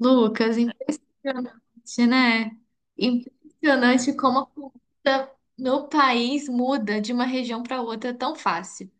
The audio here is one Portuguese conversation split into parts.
Lucas, impressionante, né? Impressionante como a cultura no país muda de uma região para outra tão fácil.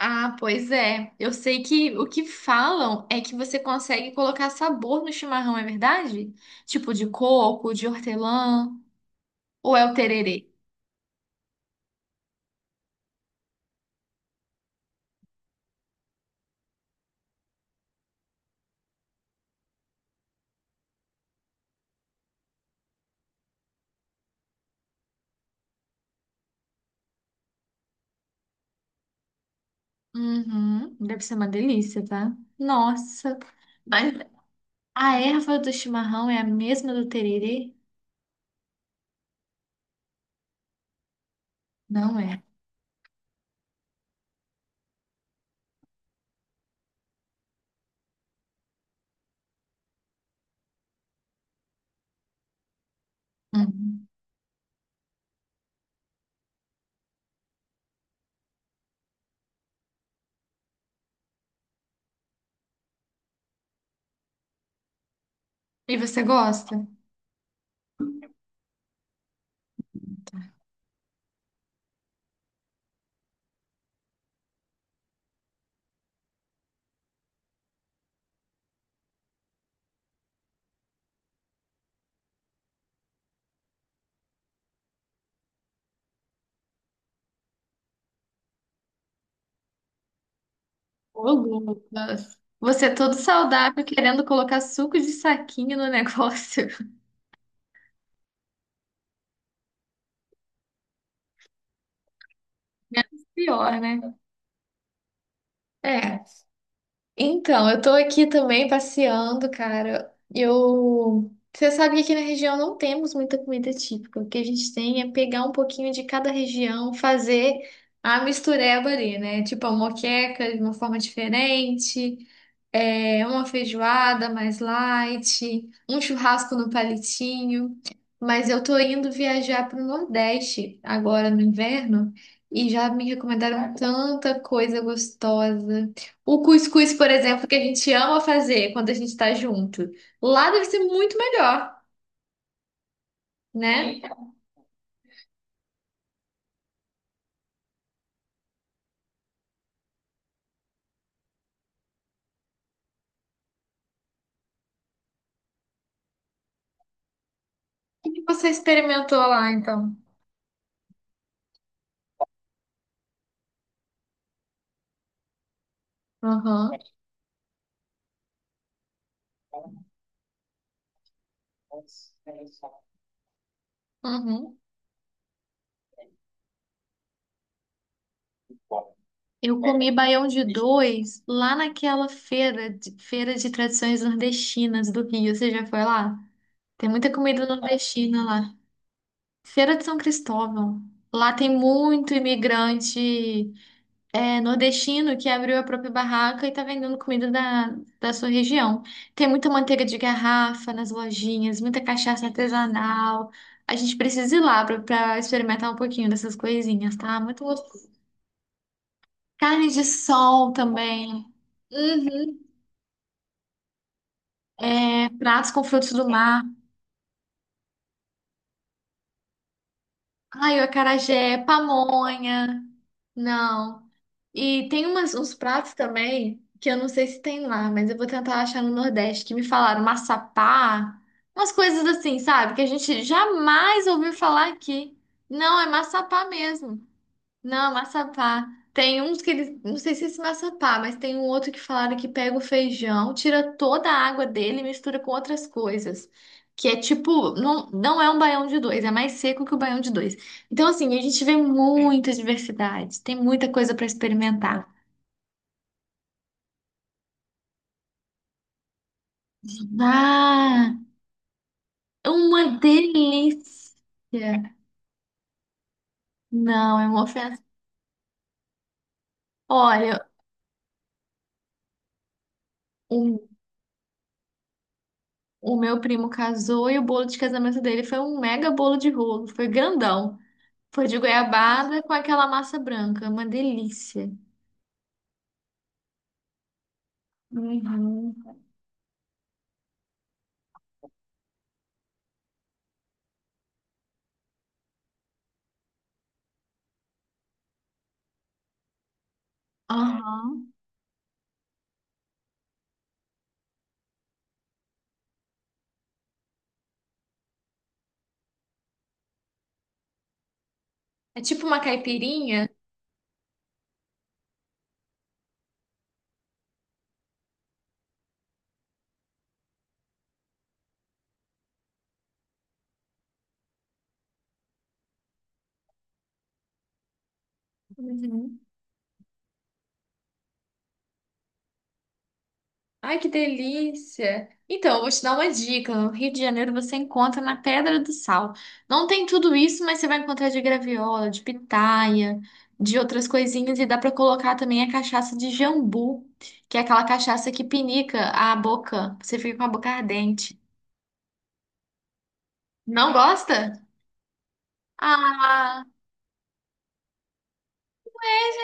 Ah, pois é. Eu sei que o que falam é que você consegue colocar sabor no chimarrão, é verdade? Tipo de coco, de hortelã, ou é o tererê? Uhum, deve ser uma delícia, tá? Nossa. Mas a erva do chimarrão é a mesma do tererê? Não é. Uhum. E você gosta? Ô, Lucas, você é todo saudável querendo colocar suco de saquinho no negócio. Pior, né? É. Então, eu tô aqui também passeando, cara. Eu. Você sabe que aqui na região não temos muita comida típica. O que a gente tem é pegar um pouquinho de cada região, fazer a mistureba ali, né? Tipo a moqueca de uma forma diferente. É, uma feijoada mais light, um churrasco no palitinho. Mas eu tô indo viajar para o Nordeste agora no inverno e já me recomendaram tanta coisa gostosa. O cuscuz, por exemplo, que a gente ama fazer quando a gente está junto. Lá deve ser muito melhor, né? O que você experimentou lá, então? Aham, uhum, eu comi baião de dois lá naquela feira, feira de tradições nordestinas do Rio. Você já foi lá? Tem muita comida nordestina lá. Feira de São Cristóvão. Lá tem muito imigrante, é, nordestino que abriu a própria barraca e tá vendendo comida da sua região. Tem muita manteiga de garrafa nas lojinhas, muita cachaça artesanal. A gente precisa ir lá pra experimentar um pouquinho dessas coisinhas, tá? Muito gostoso. Carne de sol também. Uhum. É, pratos com frutos do mar. Ai, o acarajé, pamonha. Não. E tem umas, uns pratos também que eu não sei se tem lá, mas eu vou tentar achar no Nordeste, que me falaram maçapá, umas coisas assim, sabe? Que a gente jamais ouviu falar aqui. Não, é maçapá mesmo. Não, maçapá. Tem uns que eles. Não sei se é esse maçapá, mas tem um outro que falaram que pega o feijão, tira toda a água dele e mistura com outras coisas. Que é tipo. Não, não é um baião de dois, é mais seco que o baião de dois. Então, assim, a gente vê muita diversidade, tem muita coisa para experimentar. Ah, é uma delícia! Não, é uma ofensa. Olha, o, o meu primo casou e o bolo de casamento dele foi um mega bolo de rolo, foi grandão. Foi de goiabada com aquela massa branca, uma delícia. Uhum. Aham. É tipo uma caipirinha? Uhum. Ai, que delícia! Então, eu vou te dar uma dica. No Rio de Janeiro você encontra na Pedra do Sal. Não tem tudo isso, mas você vai encontrar de graviola, de pitaia, de outras coisinhas. E dá pra colocar também a cachaça de jambu, que é aquela cachaça que pinica a boca. Você fica com a boca ardente. Não gosta? Ah!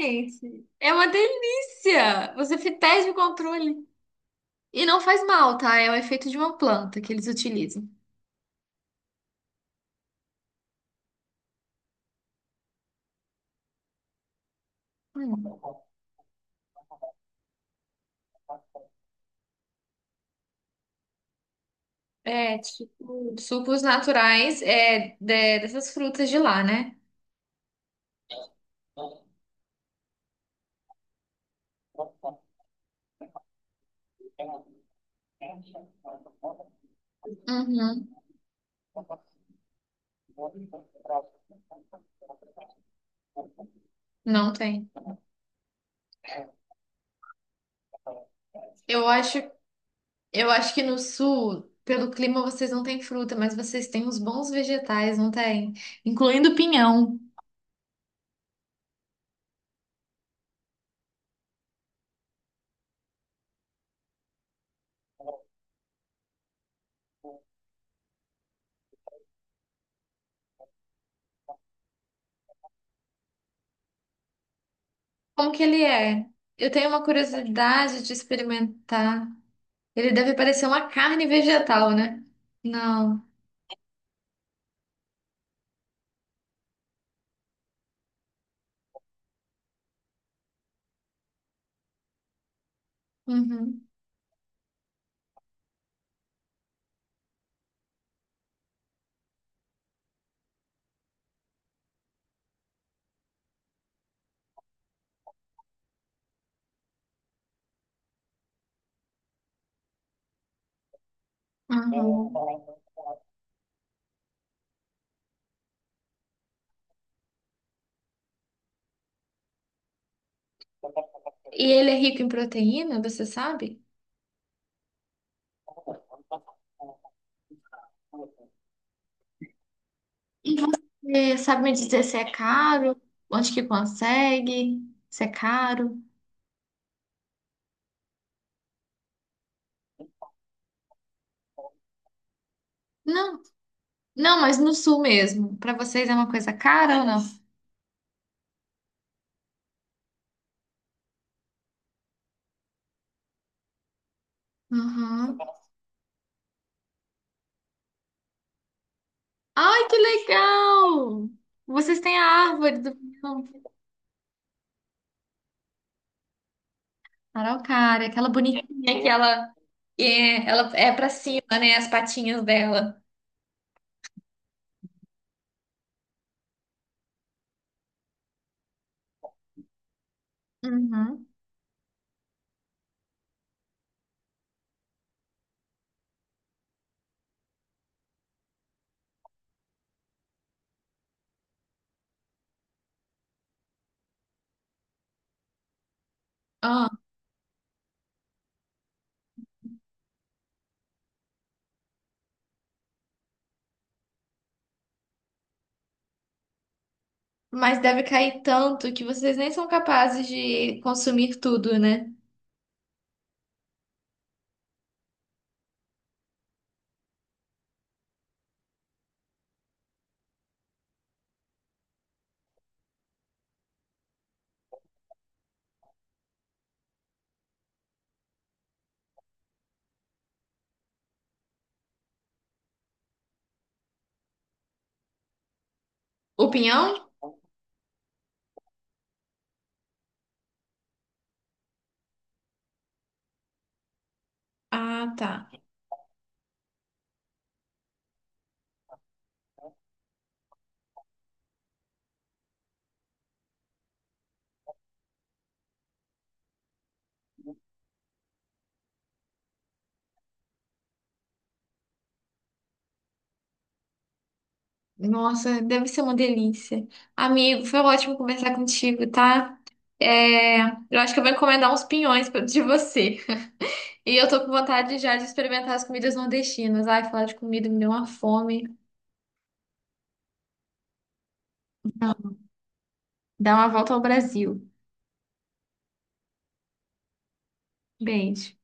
Gente, é uma delícia! Você perde o controle. E não faz mal, tá? É o efeito de uma planta que eles utilizam. Hum. É, tipo, sucos naturais, é, dessas frutas de lá, né? Uhum. Não tem. Eu acho, eu acho que no sul, pelo clima, vocês não têm fruta, mas vocês têm uns bons vegetais, não tem? Incluindo pinhão. Como que ele é? Eu tenho uma curiosidade de experimentar. Ele deve parecer uma carne vegetal, né? Não. Uhum, uhum. É, e ele é rico em proteína, você sabe? E você sabe me dizer se é caro? Onde que consegue? Se é caro? Não, não, mas no sul mesmo. Pra vocês é uma coisa cara ou não? Uhum. Ai, que legal! Vocês têm a árvore do araucária, aquela bonitinha que ela é para cima, né? As patinhas dela. Uhum. Mas deve cair tanto que vocês nem são capazes de consumir tudo, né? O pinhão? Ah, tá. Nossa, deve ser uma delícia. Amigo, foi ótimo conversar contigo, tá? É, eu acho que eu vou encomendar uns pinhões de você. E eu tô com vontade já de experimentar as comidas nordestinas. Ai, falar de comida me deu uma fome. Não, dá uma volta ao Brasil. Beijo.